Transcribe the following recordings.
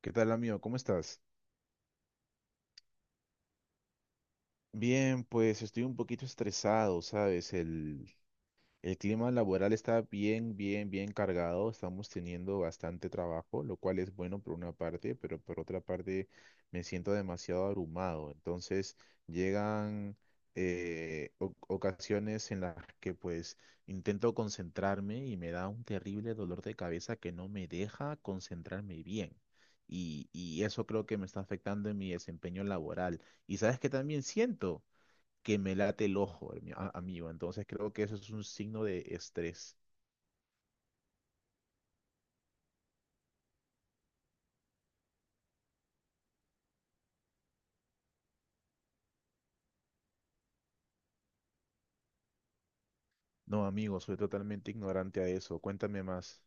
¿Qué tal, amigo? ¿Cómo estás? Bien, pues estoy un poquito estresado, ¿sabes? El clima laboral está bien, bien, bien cargado. Estamos teniendo bastante trabajo, lo cual es bueno por una parte, pero por otra parte me siento demasiado abrumado. Entonces llegan ocasiones en las que pues intento concentrarme y me da un terrible dolor de cabeza que no me deja concentrarme bien. Y eso creo que me está afectando en mi desempeño laboral. ¿Y sabes qué también siento? Que me late el ojo, amigo. Entonces creo que eso es un signo de estrés. No, amigo, soy totalmente ignorante a eso. Cuéntame más.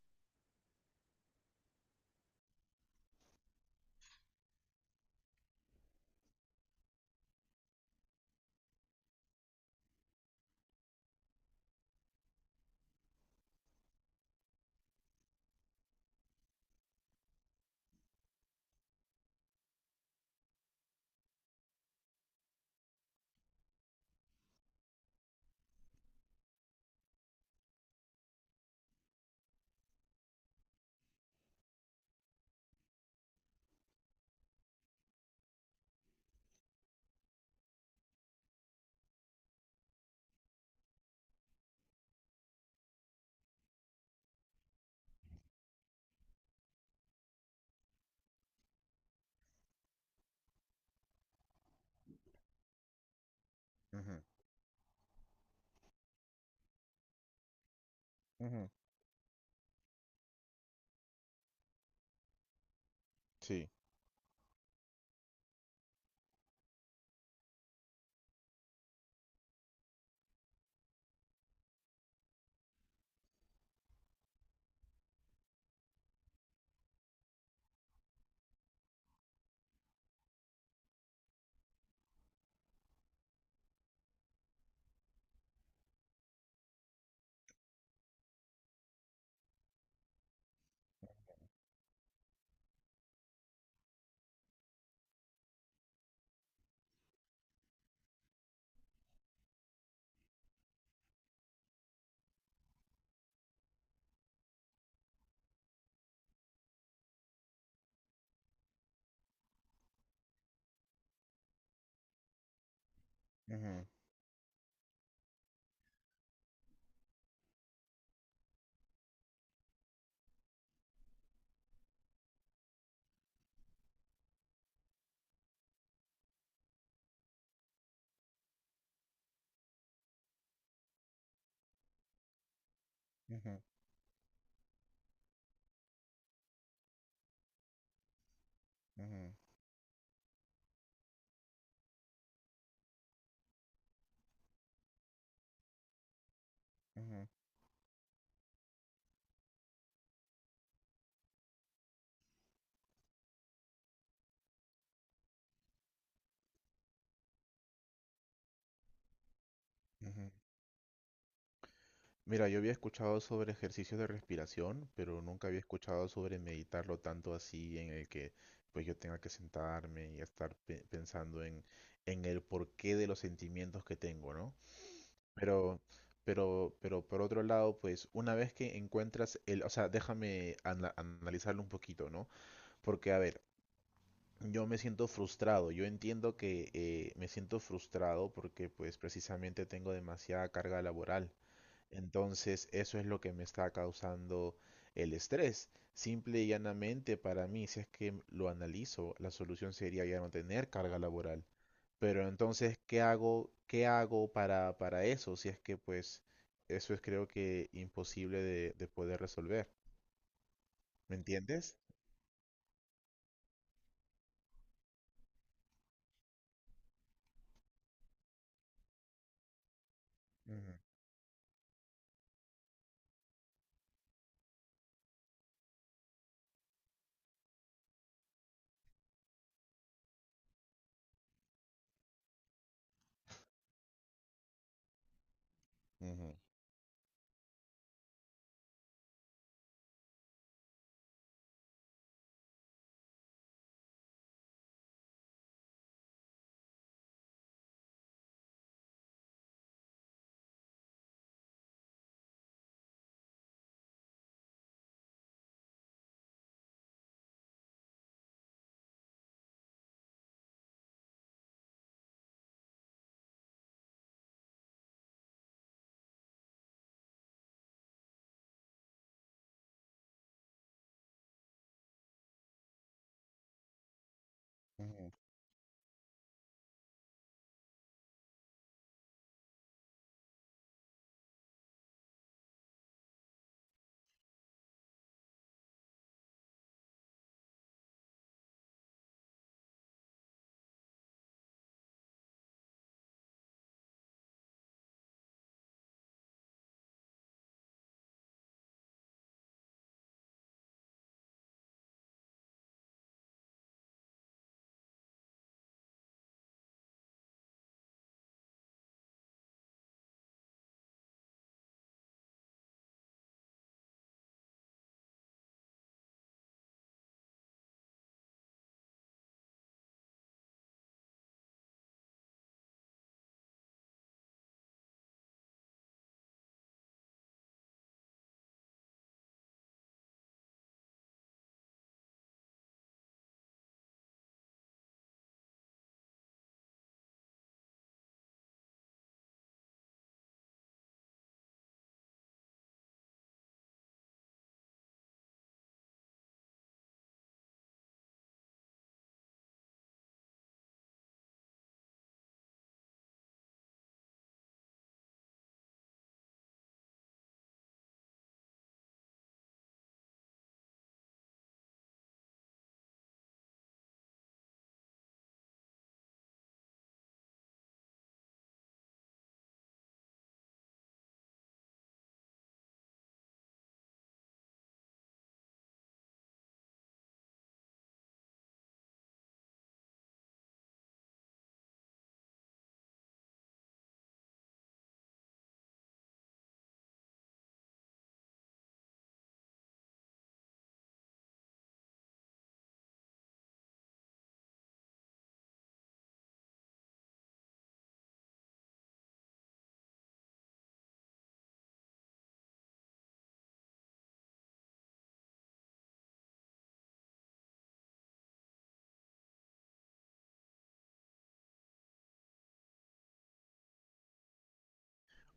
Ujú, ujú, sí, ujú, ujú, ujú, ujú, ujú. Mira, yo había escuchado sobre ejercicios de respiración, pero nunca había escuchado sobre meditarlo tanto así en el que pues yo tenga que sentarme y estar pensando en el porqué de los sentimientos que tengo, ¿no? Pero, pero por otro lado, pues una vez que encuentras el, o sea, déjame analizarlo un poquito, ¿no? Porque, a ver, yo me siento frustrado, yo entiendo que me siento frustrado porque pues precisamente tengo demasiada carga laboral, entonces, eso es lo que me está causando el estrés. Simple y llanamente para mí, si es que lo analizo, la solución sería ya no tener carga laboral. Pero entonces, qué hago para eso? Si es que pues eso es creo que imposible de poder resolver. ¿Me entiendes? Ujú, ujú, ujú.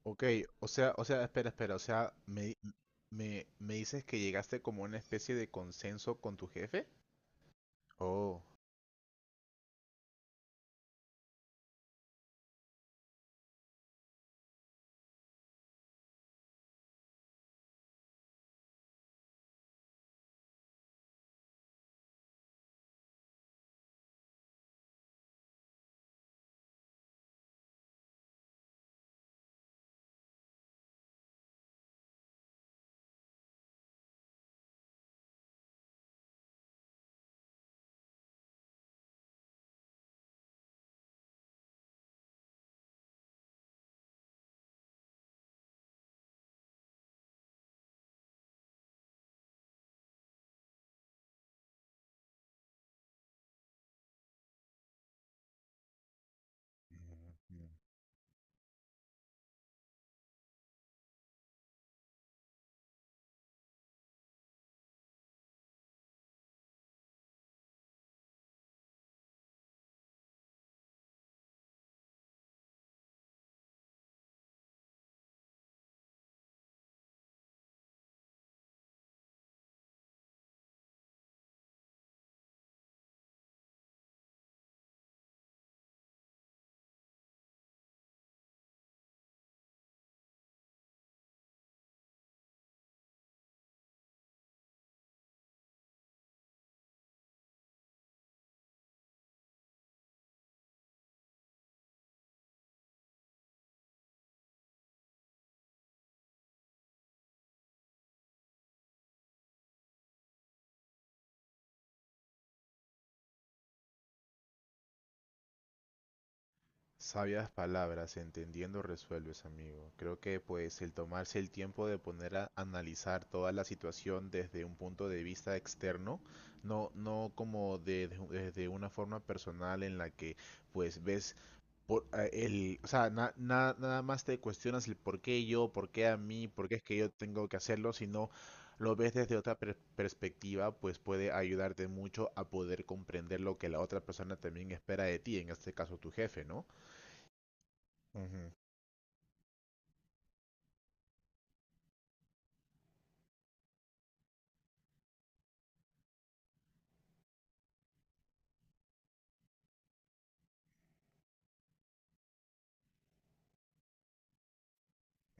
Ok, o sea, espera, espera, o sea, me dices que llegaste como a una especie de consenso con tu jefe. Oh. Sabias palabras, entendiendo resuelves, amigo. Creo que pues el tomarse el tiempo de poner a analizar toda la situación desde un punto de vista externo, no, no como desde una forma personal en la que pues ves por el, o sea, na- na- nada más te cuestionas el por qué yo, por qué a mí, por qué es que yo tengo que hacerlo, sino lo ves desde otra perspectiva, pues puede ayudarte mucho a poder comprender lo que la otra persona también espera de ti, en este caso tu jefe, ¿no? Ujú,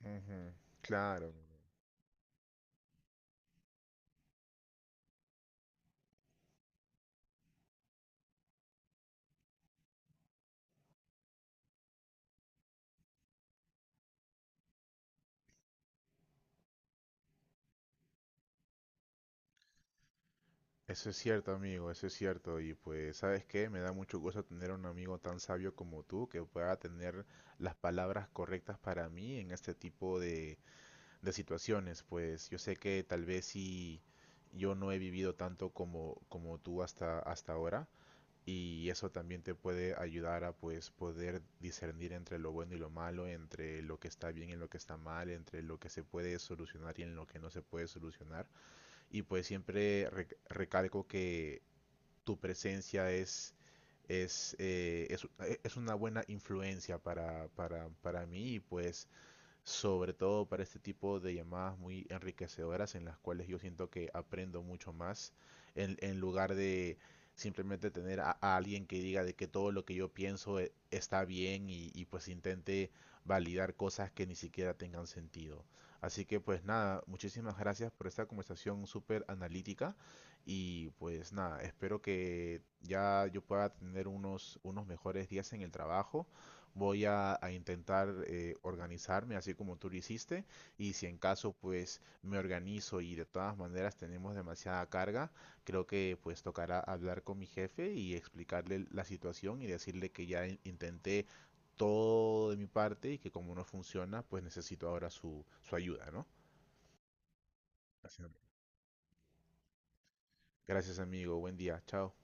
ujú, claro, eso es cierto, amigo, eso es cierto. Y pues, ¿sabes qué? Me da mucho gusto tener un amigo tan sabio como tú que pueda tener las palabras correctas para mí en este tipo de situaciones. Pues yo sé que tal vez si yo no he vivido tanto como, como tú hasta, hasta ahora, y eso también te puede ayudar a pues poder discernir entre lo bueno y lo malo, entre lo que está bien y lo que está mal, entre lo que se puede solucionar y en lo que no se puede solucionar. Y pues siempre recalco que tu presencia es, es una buena influencia para mí y pues sobre todo para este tipo de llamadas muy enriquecedoras en las cuales yo siento que aprendo mucho más en lugar de simplemente tener a alguien que diga de que todo lo que yo pienso está bien y pues intente validar cosas que ni siquiera tengan sentido. Así que pues nada, muchísimas gracias por esta conversación súper analítica y pues nada, espero que ya yo pueda tener unos, unos mejores días en el trabajo. Voy a intentar organizarme así como tú lo hiciste y si en caso pues me organizo y de todas maneras tenemos demasiada carga, creo que pues tocará hablar con mi jefe y explicarle la situación y decirle que ya intenté todo de mi parte y que como no funciona pues necesito ahora su, su ayuda, ¿no? Gracias, am- gracias, amigo, buen día, chao.